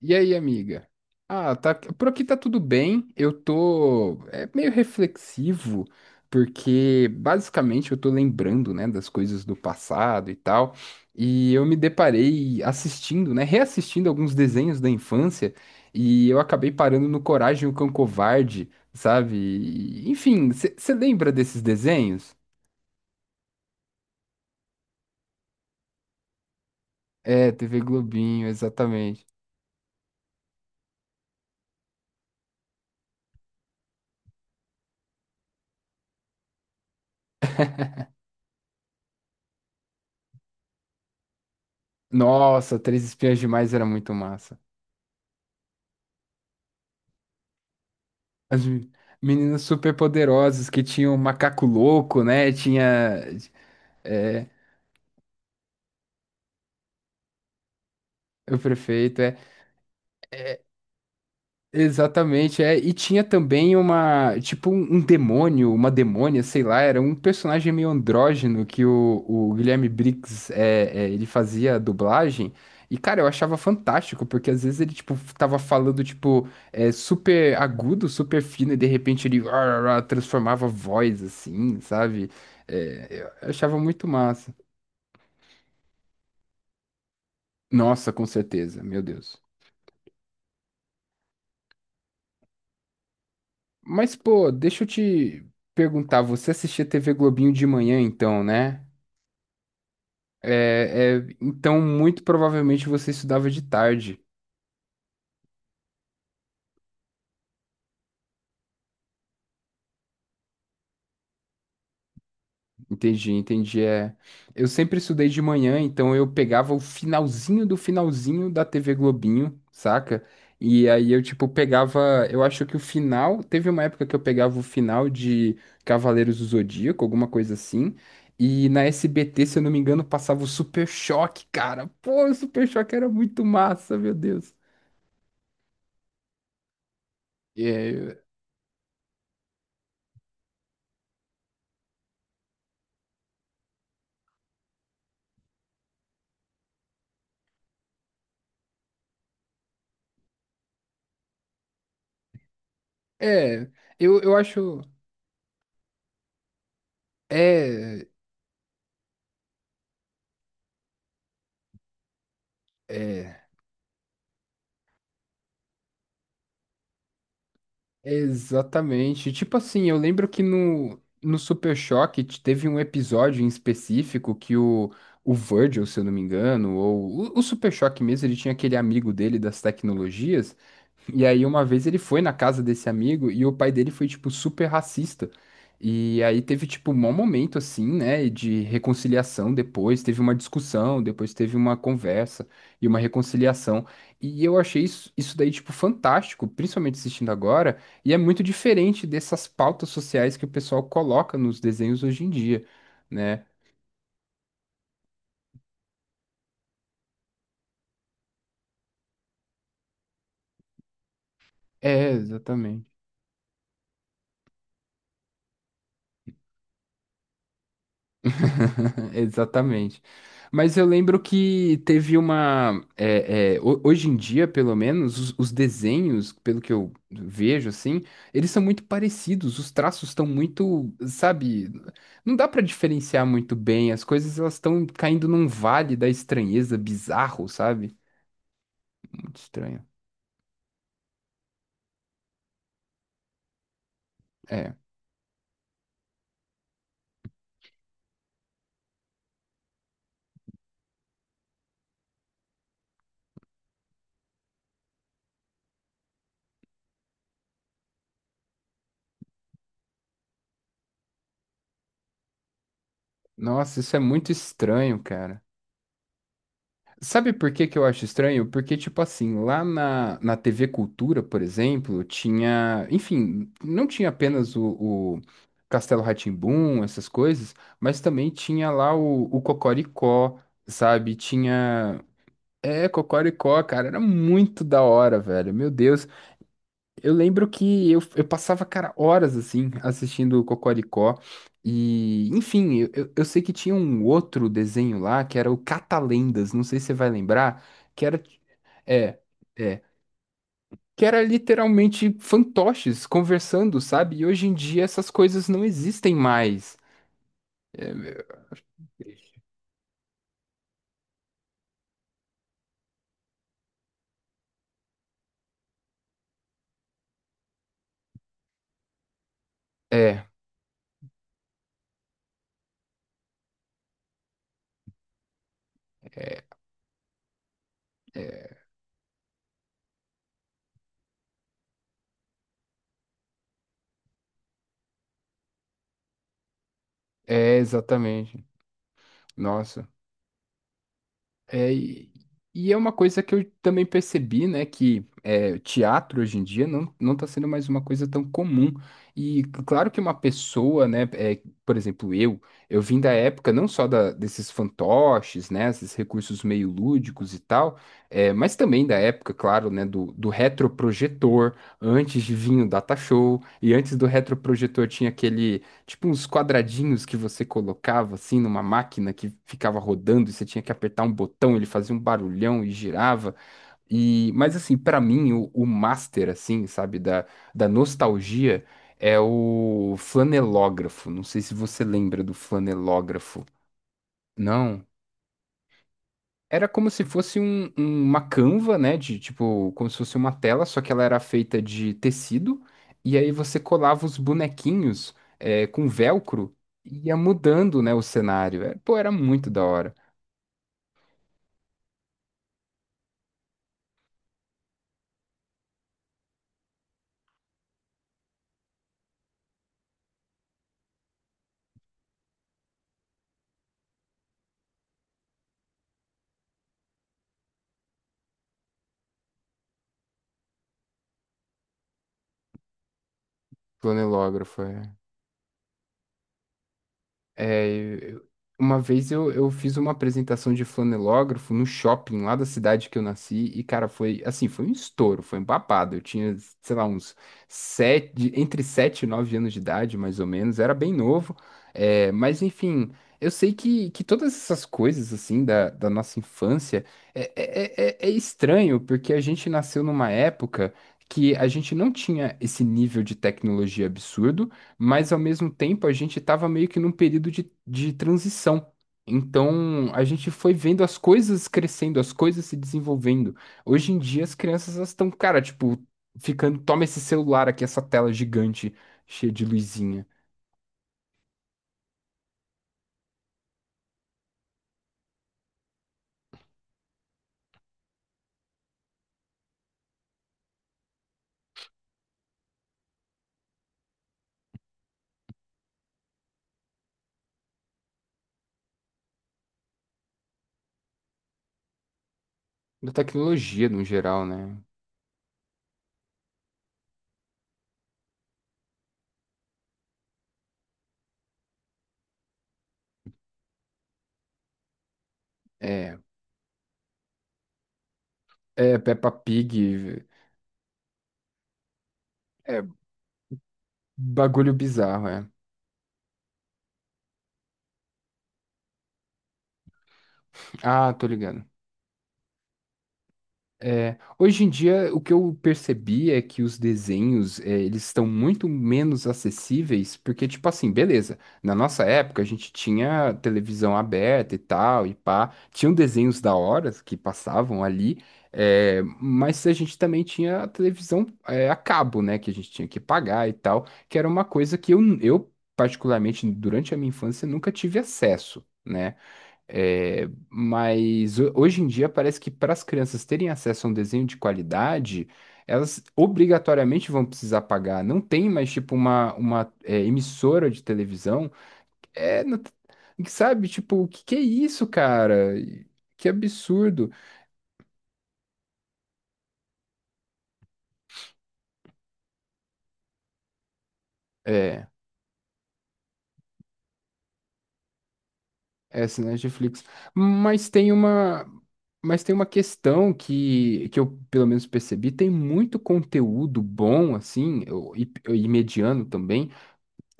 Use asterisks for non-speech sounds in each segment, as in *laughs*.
E aí, amiga? Ah, tá, por aqui tá tudo bem. Eu tô meio reflexivo, porque basicamente eu tô lembrando, né, das coisas do passado e tal. E eu me deparei assistindo, né, reassistindo alguns desenhos da infância, e eu acabei parando no Coragem, o Cão Covarde, sabe? Enfim, você lembra desses desenhos? É, TV Globinho, exatamente. Nossa, Três Espiãs Demais era muito massa. As me- meninas superpoderosas que tinham o macaco louco, né? Tinha é, o prefeito, é exatamente, é e tinha também uma tipo um demônio, uma demônia, sei lá, era um personagem meio andrógeno que o Guilherme Briggs ele fazia a dublagem. E, cara, eu achava fantástico, porque às vezes ele, tipo, tava falando, tipo, é, super agudo, super fino, e de repente ele transformava a voz, assim, sabe? É, eu achava muito massa. Nossa, com certeza, meu Deus. Mas, pô, deixa eu te perguntar, você assistia TV Globinho de manhã, então, né? Então, muito provavelmente você estudava de tarde. Entendi, entendi. É, eu sempre estudei de manhã, então eu pegava o finalzinho do finalzinho da TV Globinho, saca? E aí eu, tipo, pegava. Eu acho que o final. Teve uma época que eu pegava o final de Cavaleiros do Zodíaco, alguma coisa assim. E na SBT, se eu não me engano, passava o Super Choque, cara. Pô, o Super Choque era muito massa, meu Deus. É, é eu acho. É, é. Exatamente. Tipo assim, eu lembro que no Super Choque teve um episódio em específico que o Virgil, se eu não me engano, ou o Super Choque mesmo, ele tinha aquele amigo dele das tecnologias. E aí, uma vez ele foi na casa desse amigo e o pai dele foi, tipo, super racista. E aí teve, tipo, um mau momento, assim, né, de reconciliação depois. Teve uma discussão, depois teve uma conversa e uma reconciliação. E eu achei isso, isso daí, tipo, fantástico, principalmente assistindo agora. E é muito diferente dessas pautas sociais que o pessoal coloca nos desenhos hoje em dia, né? É, exatamente. *laughs* Exatamente. Mas eu lembro que teve uma. Hoje em dia, pelo menos, os desenhos, pelo que eu vejo, assim, eles são muito parecidos. Os traços estão muito, sabe? Não dá pra diferenciar muito bem. As coisas elas estão caindo num vale da estranheza bizarro, sabe? Muito estranho. É. Nossa, isso é muito estranho, cara. Sabe por que que eu acho estranho? Porque, tipo assim, lá na TV Cultura, por exemplo, tinha. Enfim, não tinha apenas o Castelo rá tim essas coisas, mas também tinha lá o Cocoricó, sabe? Tinha. É, Cocoricó, cara, era muito da hora, velho. Meu Deus. Eu lembro que eu passava, cara, horas assim, assistindo o Cocoricó. E, enfim, eu sei que tinha um outro desenho lá, que era o Catalendas, não sei se você vai lembrar, que era. É, é. Que era literalmente fantoches conversando, sabe? E hoje em dia essas coisas não existem mais. É, é, é Exatamente. Nossa. É, e é uma coisa que eu também percebi, né, que é, teatro hoje em dia não está sendo mais uma coisa tão comum. E claro que uma pessoa, né, é, por exemplo, eu vim da época não só da, desses fantoches, né, esses recursos meio lúdicos e tal, é, mas também da época, claro, né, do retroprojetor, antes de vir o data show, e antes do retroprojetor tinha aquele tipo uns quadradinhos que você colocava assim numa máquina que ficava rodando e você tinha que apertar um botão, ele fazia um barulhão e girava. E mas assim, pra mim o master assim, sabe, da, da nostalgia é o flanelógrafo. Não sei se você lembra do flanelógrafo. Não? Era como se fosse uma canva, né? De tipo, como se fosse uma tela, só que ela era feita de tecido. E aí você colava os bonequinhos é, com velcro e ia mudando, né, o cenário. É, pô, era muito da hora. Planilógrafo, é. É, eu- uma vez eu fiz uma apresentação de flanelógrafo no shopping lá da cidade que eu nasci e, cara, foi assim, foi um estouro, foi um babado. Eu tinha, sei lá, uns sete, entre sete e nove anos de idade, mais ou menos, era bem novo. É, mas enfim, eu sei que todas essas coisas assim da, da nossa infância é estranho, porque a gente nasceu numa época que a gente não tinha esse nível de tecnologia absurdo mas ao mesmo tempo a gente estava meio que num período de transição. Então a gente foi vendo as coisas crescendo, as coisas se desenvolvendo. Hoje em dia as crianças elas estão, cara, tipo, ficando, toma esse celular aqui, essa tela gigante cheia de luzinha. Da tecnologia no geral, né? É, é Peppa Pig, é bagulho bizarro, é. Ah, tô ligado. É, hoje em dia, o que eu percebi é que os desenhos, é, eles estão muito menos acessíveis, porque, tipo assim, beleza, na nossa época a gente tinha televisão aberta e tal, e pá, tinham desenhos da hora que passavam ali, é, mas a gente também tinha a televisão, é, a cabo, né, que a gente tinha que pagar e tal, que era uma coisa que eu particularmente, durante a minha infância, nunca tive acesso, né? É, mas hoje em dia parece que para as crianças terem acesso a um desenho de qualidade, elas obrigatoriamente vão precisar pagar. Não tem mais tipo uma é, emissora de televisão. É, não t- Sabe, tipo, o que que é isso, cara? Que absurdo. É, essa né, Netflix. Mas tem uma, mas tem uma questão que eu pelo menos percebi, tem muito conteúdo bom assim, e mediano também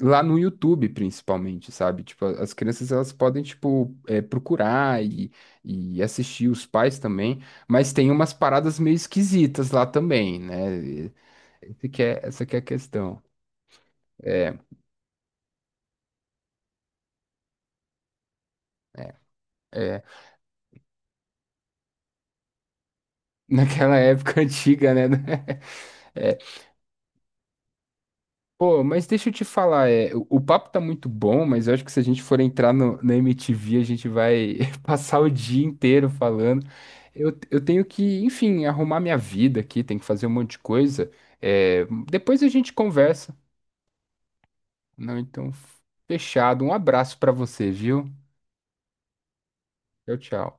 lá no YouTube, principalmente, sabe? Tipo, as crianças elas podem, tipo, é, procurar e assistir, os pais também, mas tem umas paradas meio esquisitas lá também, né? E- Esse que é, essa que é a questão. É, é. é. Naquela época *laughs* antiga, né? *laughs* Pô, mas deixa eu te falar, é, o papo tá muito bom, mas eu acho que se a gente for entrar no, na MTV, a gente vai *laughs* passar o dia inteiro falando. Eu tenho que, enfim, arrumar minha vida aqui, tenho que fazer um monte de coisa. É, depois a gente conversa, não? Então, fechado. Um abraço pra você, viu? Tchau, tchau.